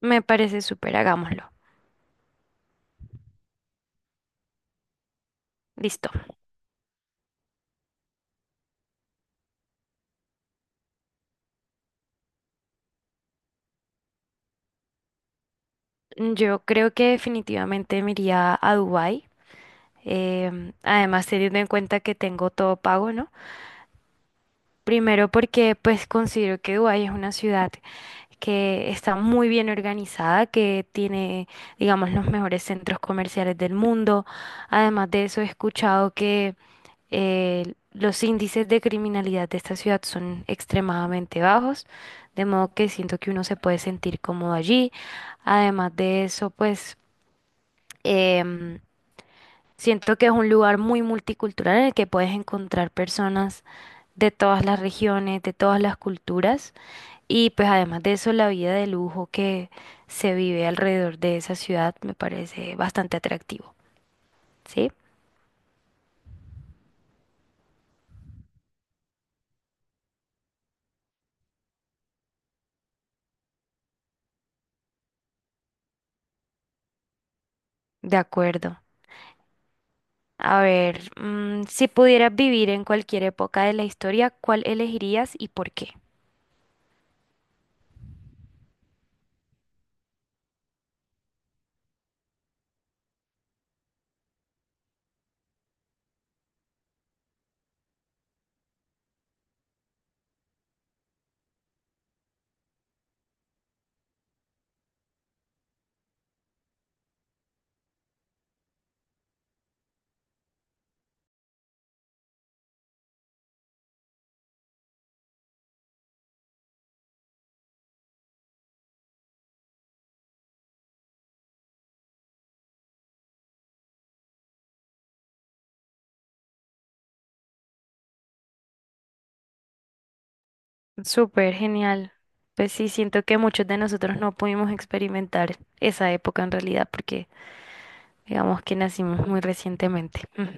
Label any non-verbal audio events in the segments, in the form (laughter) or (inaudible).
Me parece súper, hagámoslo. Listo. Yo creo que definitivamente me iría a Dubái. Además, teniendo en cuenta que tengo todo pago, ¿no? Primero porque pues considero que Dubái es una ciudad que está muy bien organizada, que tiene, digamos, los mejores centros comerciales del mundo. Además de eso, he escuchado que los índices de criminalidad de esta ciudad son extremadamente bajos, de modo que siento que uno se puede sentir cómodo allí. Además de eso, pues em, siento que es un lugar muy multicultural en el que puedes encontrar personas de todas las regiones, de todas las culturas. Y pues además de eso, la vida de lujo que se vive alrededor de esa ciudad me parece bastante atractivo. ¿Sí? De acuerdo. A ver, si pudieras vivir en cualquier época de la historia, ¿cuál elegirías y por qué? Súper genial. Pues sí, siento que muchos de nosotros no pudimos experimentar esa época en realidad porque digamos que nacimos muy recientemente. (laughs) Ujú.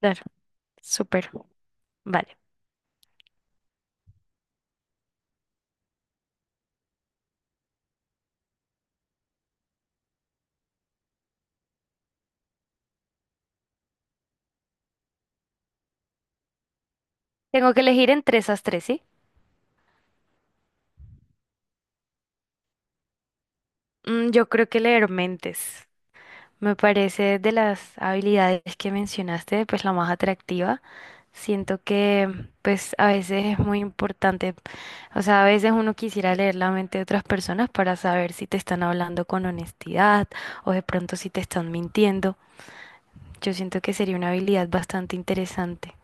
Claro, súper. Vale. Tengo que elegir entre esas tres, ¿sí? Yo creo que leer mentes. Me parece de las habilidades que mencionaste, pues la más atractiva. Siento que pues a veces es muy importante, o sea, a veces uno quisiera leer la mente de otras personas para saber si te están hablando con honestidad o de pronto si te están mintiendo. Yo siento que sería una habilidad bastante interesante.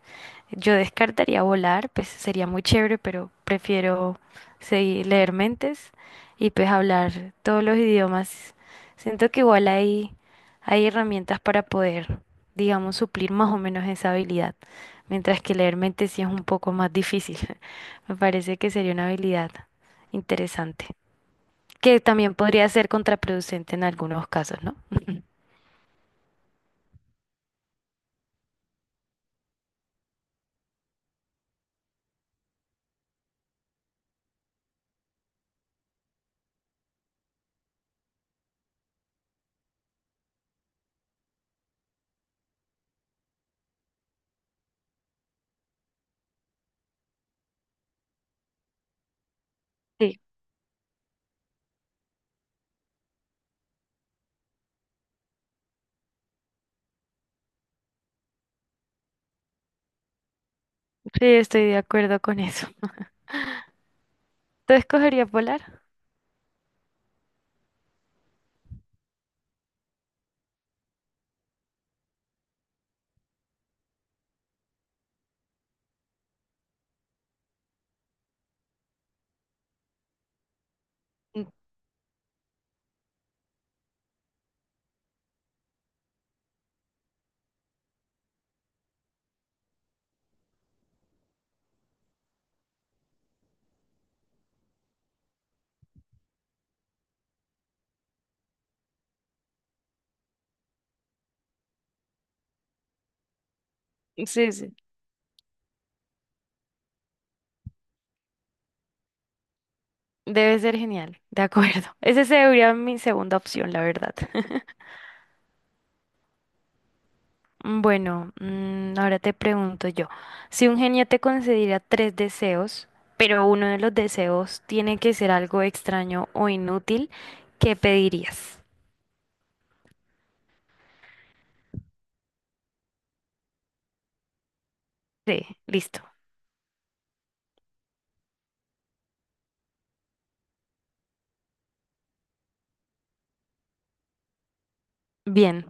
Yo descartaría volar, pues sería muy chévere, pero prefiero seguir leer mentes y pues hablar todos los idiomas. Siento que igual hay herramientas para poder, digamos, suplir más o menos esa habilidad, mientras que leer mentes sí es un poco más difícil. (laughs) Me parece que sería una habilidad interesante, que también podría ser contraproducente en algunos casos, ¿no? (laughs) Sí, sí, estoy de acuerdo con eso. ¿Tú escogerías volar? Mm, sí, sí. Debe ser genial, de acuerdo. (laughs) Esa sería mi segunda opción, la verdad. (laughs) Bueno, ahora te pregunto yo, si un genio te concediera tres deseos, pero uno de los deseos tiene que ser algo extraño o inútil, ¿qué pedirías? Sí, listo. Bien,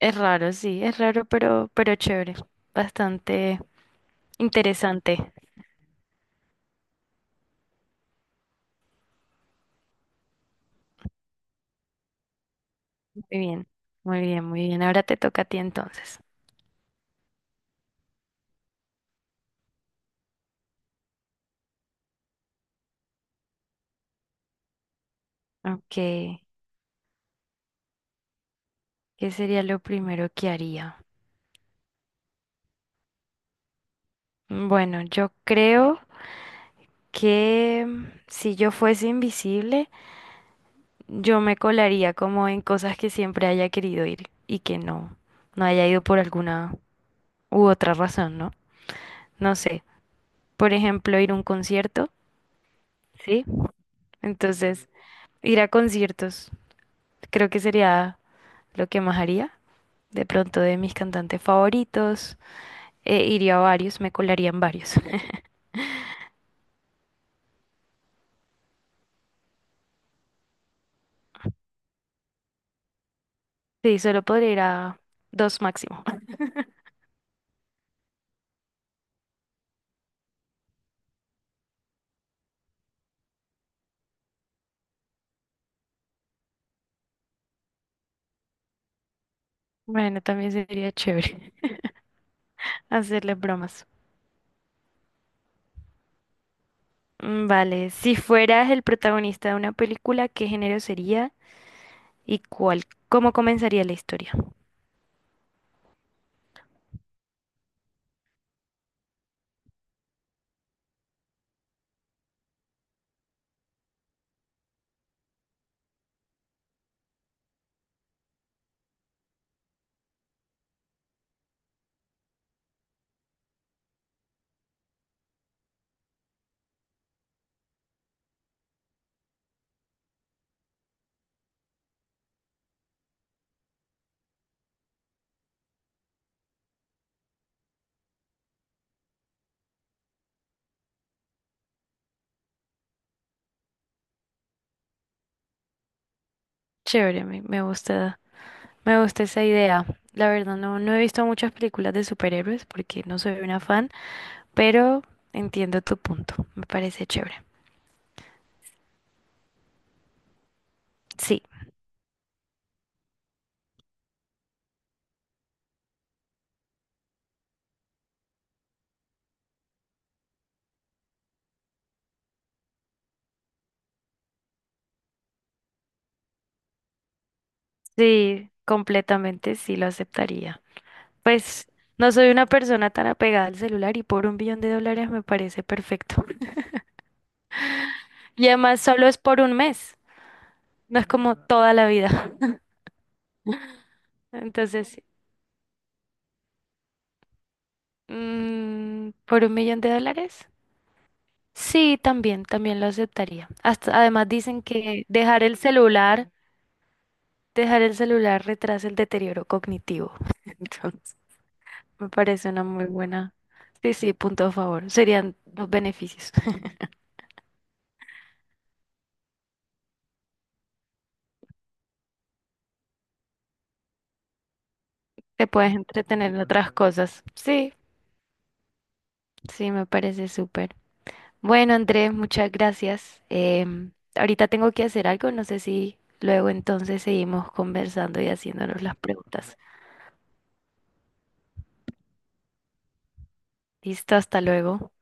es raro, sí, es raro, pero chévere, bastante interesante. Muy bien, muy bien, muy bien. Ahora te toca a ti entonces. Ok, ¿qué sería lo primero que haría? Bueno, yo creo que si yo fuese invisible, yo me colaría como en cosas que siempre haya querido ir y que no, no haya ido por alguna u otra razón, ¿no? No sé, por ejemplo, ir a un concierto, ¿sí? Entonces, ir a conciertos creo que sería lo que más haría. De pronto de mis cantantes favoritos, iría a varios, me colaría en varios. (laughs) Sí, solo podría ir a dos máximo. (laughs) Bueno, también sería chévere. Hacerle bromas. Mm, vale, si fueras el protagonista de una película, ¿qué género sería y cuál? ¿Cómo comenzaría la historia? Chévere, me gusta, me gusta esa idea. La verdad, no, no he visto muchas películas de superhéroes porque no soy una fan, pero entiendo tu punto. Me parece chévere. Sí, sí, completamente sí lo aceptaría. Pues no soy una persona tan apegada al celular y por 1 billón de dólares me parece perfecto. Y además solo es por un mes, no es como toda la vida. (laughs) Entonces, mm, ¿por 1 millón de dólares? Sí, también, también lo aceptaría. Hasta, además dicen que dejar el celular retrasa el deterioro cognitivo. (laughs) Entonces, me parece una muy buena. Sí, sí, punto a favor. Serían los beneficios. (laughs) Te puedes entretener en otras cosas. Sí, sí, me parece súper. Bueno, Andrés, muchas gracias. Ahorita tengo que hacer algo, no sé si luego entonces seguimos conversando y haciéndonos las preguntas. Listo, hasta luego.